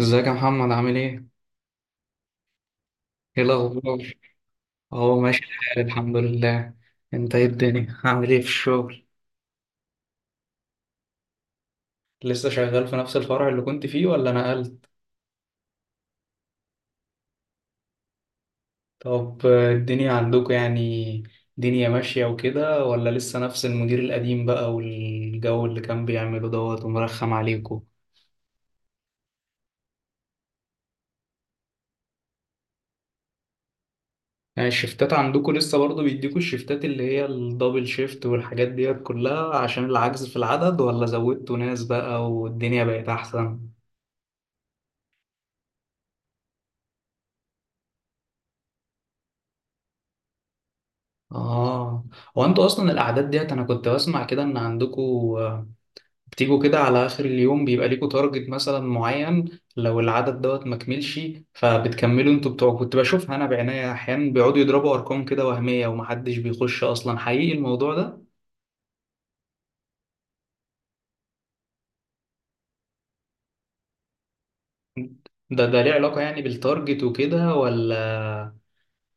ازيك يا محمد؟ عامل ايه؟ ايه الأخبار؟ اهو ماشي الحال الحمد لله. انت ايه الدنيا؟ عامل ايه في الشغل؟ لسه شغال في نفس الفرع اللي كنت فيه ولا نقلت؟ طب آه، الدنيا عندكم، يعني دنيا ماشية وكده، ولا لسه نفس المدير القديم بقى، والجو اللي كان بيعمله دوت ومرخم عليكم؟ يعني الشفتات عندكم لسه برضه بيديكوا الشفتات اللي هي الدبل شيفت والحاجات ديت كلها عشان العجز في العدد، ولا زودتوا ناس بقى والدنيا بقت أحسن؟ اه. هو انتوا اصلا الاعداد ديت انا كنت بسمع كده ان عندكوا بتيجوا كده على اخر اليوم بيبقى ليكوا تارجت مثلا معين، لو العدد دوت ما كملش فبتكملوا انتوا بتوع. كنت بشوفها انا بعناية احيانا بيقعدوا يضربوا ارقام كده وهمية ومحدش بيخش اصلا حقيقي الموضوع ده. ده ليه علاقة يعني بالتارجت وكده، ولا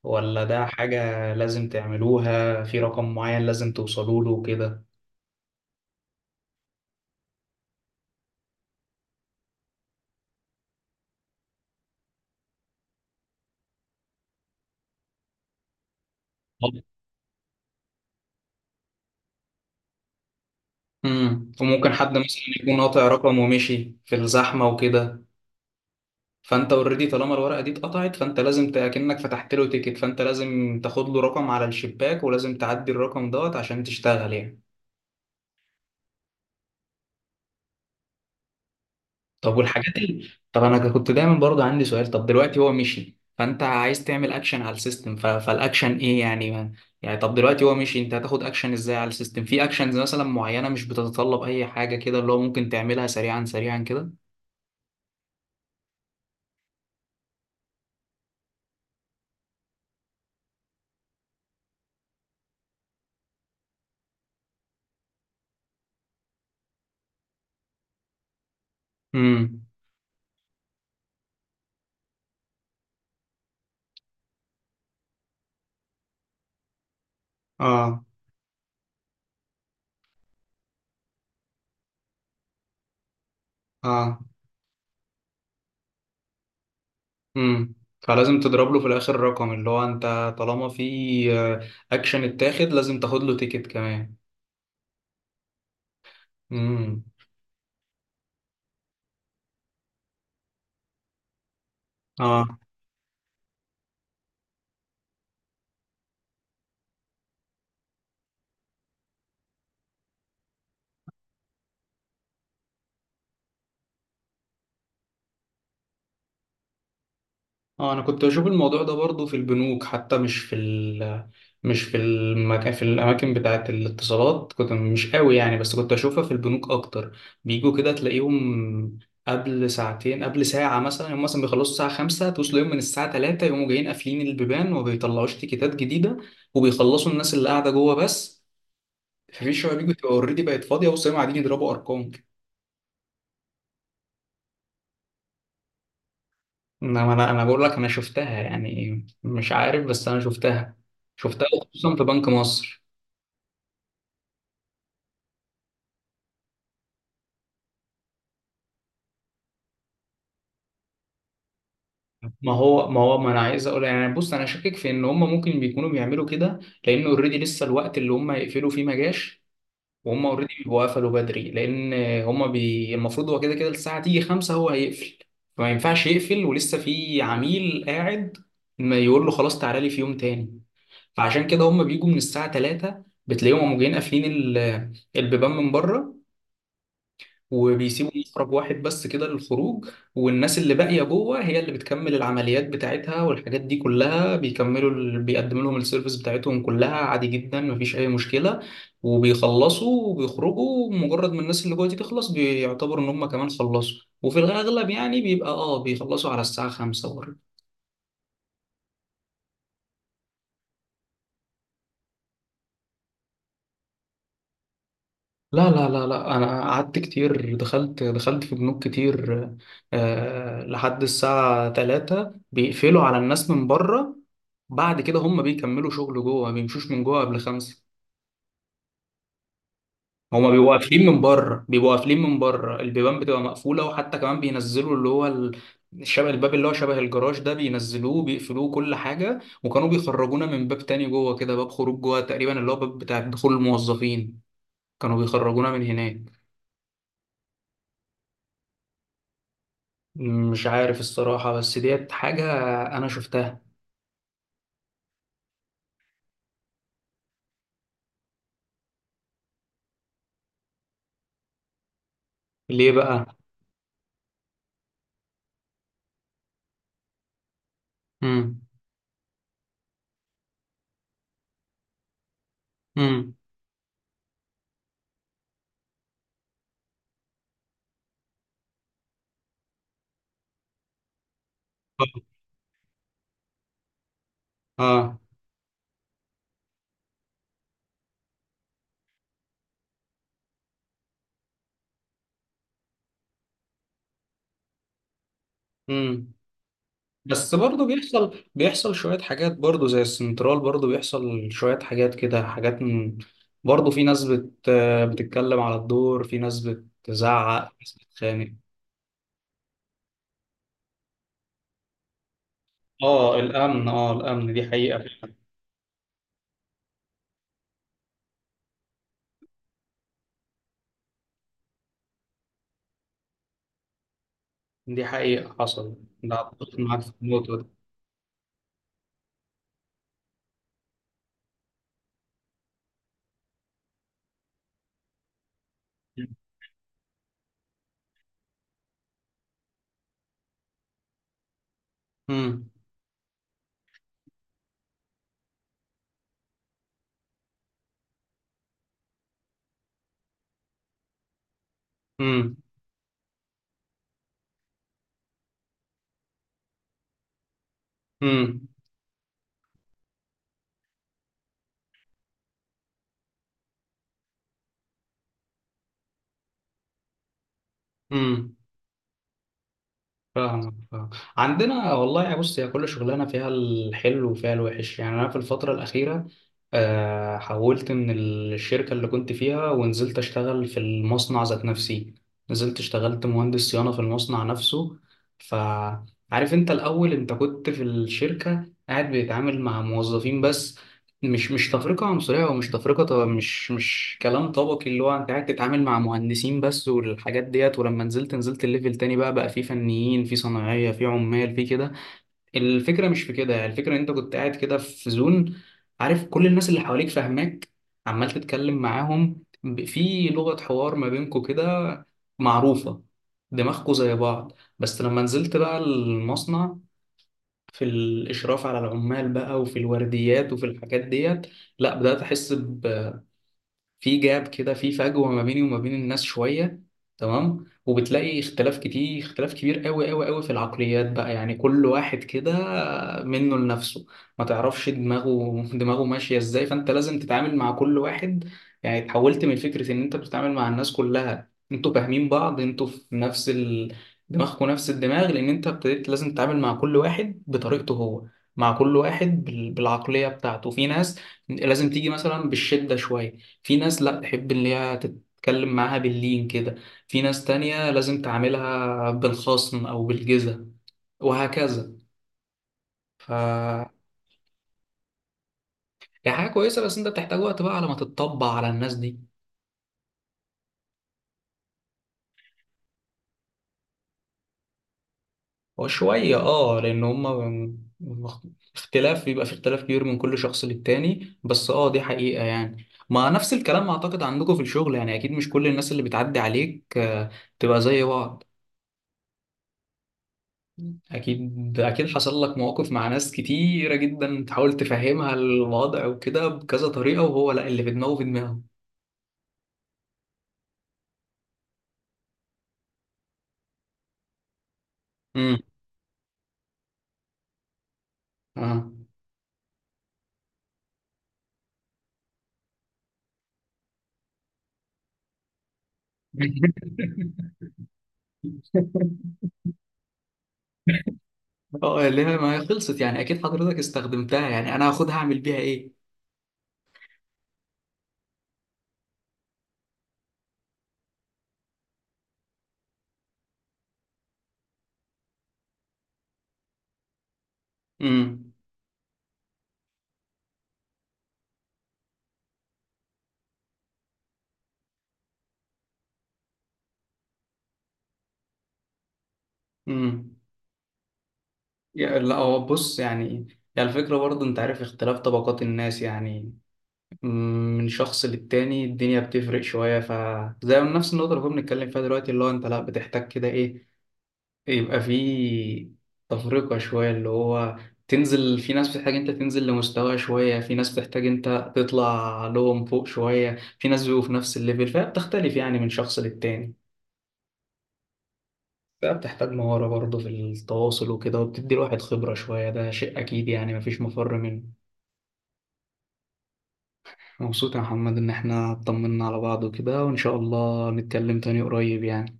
ولا ده حاجة لازم تعملوها في رقم معين لازم توصلوا له وكده؟ وممكن حد مثلا يكون قاطع رقم ومشي في الزحمة وكده، فانت اوريدي طالما الورقه دي اتقطعت فانت لازم كأنك فتحت له تيكت، فانت لازم تاخد له رقم على الشباك ولازم تعدي الرقم دوت عشان تشتغل يعني. طب والحاجات اللي طب انا كنت دايما برضه عندي سؤال، طب دلوقتي هو مشي، فانت عايز تعمل اكشن على السيستم، ف... فالاكشن ايه يعني، ما... يعني طب دلوقتي هو مشي، انت هتاخد اكشن ازاي على السيستم؟ في اكشنز مثلا معينه مش بتتطلب اي حاجه كده اللي هو ممكن تعملها سريعا كده؟ امم. اه. اه. امم. فلازم تضرب له في الاخر رقم اللي هو انت، طالما في آه، اكشن اتاخد لازم تاخد له تيكت كمان. امم. اه. اه. انا كنت بشوف الموضوع ده برضو في البنوك حتى، مش في ال مش في المكان، في الاماكن بتاعه الاتصالات كنت مش قوي يعني، بس كنت اشوفها في البنوك اكتر. بيجوا كده تلاقيهم قبل ساعتين قبل ساعة مثلا، هم مثلا بيخلصوا الساعة خمسة، توصل يوم من الساعة تلاتة يقوموا جايين قافلين البيبان وما بيطلعوش تيكيتات جديدة، وبيخلصوا الناس اللي قاعدة جوه بس. مفيش شويه بيجوا تبقى اوريدي بقت فاضيه وصيام قاعدين يضربوا ارقام كده. انما انا بقول لك انا شفتها يعني، مش عارف بس انا شفتها، شفتها خصوصا في بنك مصر. ما هو ما هو ما انا عايز اقول يعني، بص انا شاكك في ان هم ممكن بيكونوا بيعملوا كده، لان اوريدي لسه الوقت اللي هم يقفلوا فيه ما جاش، وهم اوريدي بيبقوا قفلوا بدري، لان المفروض هو كده كده الساعه تيجي خمسة هو هيقفل، فما ينفعش يقفل ولسه في عميل قاعد، ما يقول له خلاص تعالى لي في يوم تاني. فعشان كده هم بيجوا من الساعة 3 بتلاقيهم قاموا جايين قافلين ال- البيبان من بره، وبيسيبوا مخرج واحد بس كده للخروج. والناس اللي باقية جوه هي اللي بتكمل العمليات بتاعتها والحاجات دي كلها، بيكملوا ال- بيقدموا لهم السيرفيس بتاعتهم كلها عادي جدا مفيش أي مشكلة، وبيخلصوا وبيخرجوا. مجرد ما الناس اللي جوه دي تخلص بيعتبروا إن هم كمان خلصوا، وفي الأغلب يعني بيبقى آه بيخلصوا على الساعة 5. لا لا لا لا، انا قعدت كتير، دخلت في بنوك كتير، آه لحد الساعة 3 بيقفلوا على الناس من بره، بعد كده هم بيكملوا شغل جوه، ما بيمشوش من جوه قبل خمسة. هما بيبقوا قافلين من بره، بيبقوا قافلين من بره، البيبان بتبقى مقفولة، وحتى كمان بينزلوا اللي هو ال- شبه الباب اللي هو شبه الجراج ده بينزلوه بيقفلوه كل حاجة، وكانوا بيخرجونا من باب تاني جوه كده، باب خروج جوه تقريبا اللي هو باب بتاع دخول الموظفين، كانوا بيخرجونا من هناك. مش عارف الصراحة، بس ديت حاجة أنا شفتها. ليه بقى؟ امم. امم. اه. امم. بس برضه بيحصل، بيحصل شوية حاجات برضه زي السنترال، برضه بيحصل شوية حاجات كده، حاجات من... برضه في ناس بت... بتتكلم على الدور، في ناس بتزعق، في ناس بتخانق. اه الأمن، اه الأمن دي حقيقة. دي حقيقة حصل. ده أتفق معاك في النقطة دي. امم. امم. امم. امم. فاهم فاهم. عندنا والله يا بص، هي كل شغلانه فيها الحلو وفيها الوحش يعني، انا في الفتره الاخيره آه، حولت من الشركه اللي كنت فيها ونزلت اشتغل في المصنع ذات نفسي، نزلت اشتغلت مهندس صيانه في المصنع نفسه. فعارف انت الاول انت كنت في الشركه قاعد بيتعامل مع موظفين بس، مش مش تفرقة عنصرية ومش تفرقة، طب مش مش كلام طبقي، اللي هو انت قاعد تتعامل مع مهندسين بس والحاجات ديت، ولما نزلت، نزلت الليفل تاني بقى، بقى في فنيين، في صناعية، في عمال، في كده. الفكرة مش في كده، الفكرة ان انت كنت قاعد كده في زون، عارف كل الناس اللي حواليك فاهماك، عمال تتكلم معاهم ب- في لغة حوار ما بينكوا كده معروفة، دماغكوا زي بعض. بس لما نزلت بقى المصنع، في الإشراف على العمال بقى، وفي الورديات، وفي الحاجات ديت، لا بدأت أحس ب- في جاب كده، في فجوة ما بيني وما بين الناس شوية. تمام. وبتلاقي اختلاف كتير، اختلاف كبير قوي قوي قوي في العقليات بقى، يعني كل واحد كده منه لنفسه، ما تعرفش دماغه دماغه ماشية ازاي، فانت لازم تتعامل مع كل واحد. يعني اتحولت من فكرة ان انت بتتعامل مع الناس كلها انتوا فاهمين بعض، انتوا في نفس ال... دماغكم نفس الدماغ، لان انت ابتديت لازم تتعامل مع كل واحد بطريقته هو، مع كل واحد بال... بالعقلية بتاعته. في ناس لازم تيجي مثلا بالشدة شوية، في ناس لا تحب ان هي تتكلم معاها باللين كده، في ناس تانية لازم تعاملها بالخصم او بالجزة، وهكذا. ف هي حاجة كويسة، بس انت بتحتاج وقت بقى على ما تتطبع على الناس دي وشوية. اه، لان هما مخ- اختلاف بيبقى، في اختلاف كبير من كل شخص للتاني، بس اه دي حقيقة يعني. ما نفس الكلام اعتقد عندكم في الشغل يعني، اكيد مش كل الناس اللي بتعدي عليك آه، تبقى زي بعض. أكيد أكيد حصل لك مواقف مع ناس كتيرة جدا تحاول تفهمها الوضع وكده بكذا طريقة، وهو لا اللي في دماغه في دماغه. امم. اه. اه اللي هي ما هي خلصت يعني، أكيد حضرتك استخدمتها، يعني أنا هاخدها أعمل بيها إيه؟ امم. امم. يا- لا هو بص يعني، يعني الفكرة برضه أنت عارف اختلاف طبقات الناس يعني، مم، من شخص للتاني الدنيا بتفرق شوية، فزي نفس النقطة اللي كنا بنتكلم فيها دلوقتي، اللي هو أنت لا بتحتاج كده إيه، يبقى في تفرقة شوية، اللي هو تنزل، في ناس بتحتاج انت تنزل لمستوى شوية، في ناس بتحتاج انت تطلع لهم فوق شوية، في ناس بيبقوا في نفس الليفل، فهي بتختلف يعني من شخص للتاني. فهي بتحتاج مهارة برضه في التواصل وكده، وبتدي الواحد خبرة شوية، ده شيء أكيد يعني مفيش مفر منه. مبسوط يا محمد إن احنا اطمنا على بعض وكده، وإن شاء الله نتكلم تاني قريب يعني.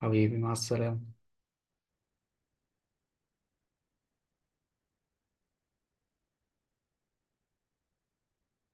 حبيبي، مع السلامة.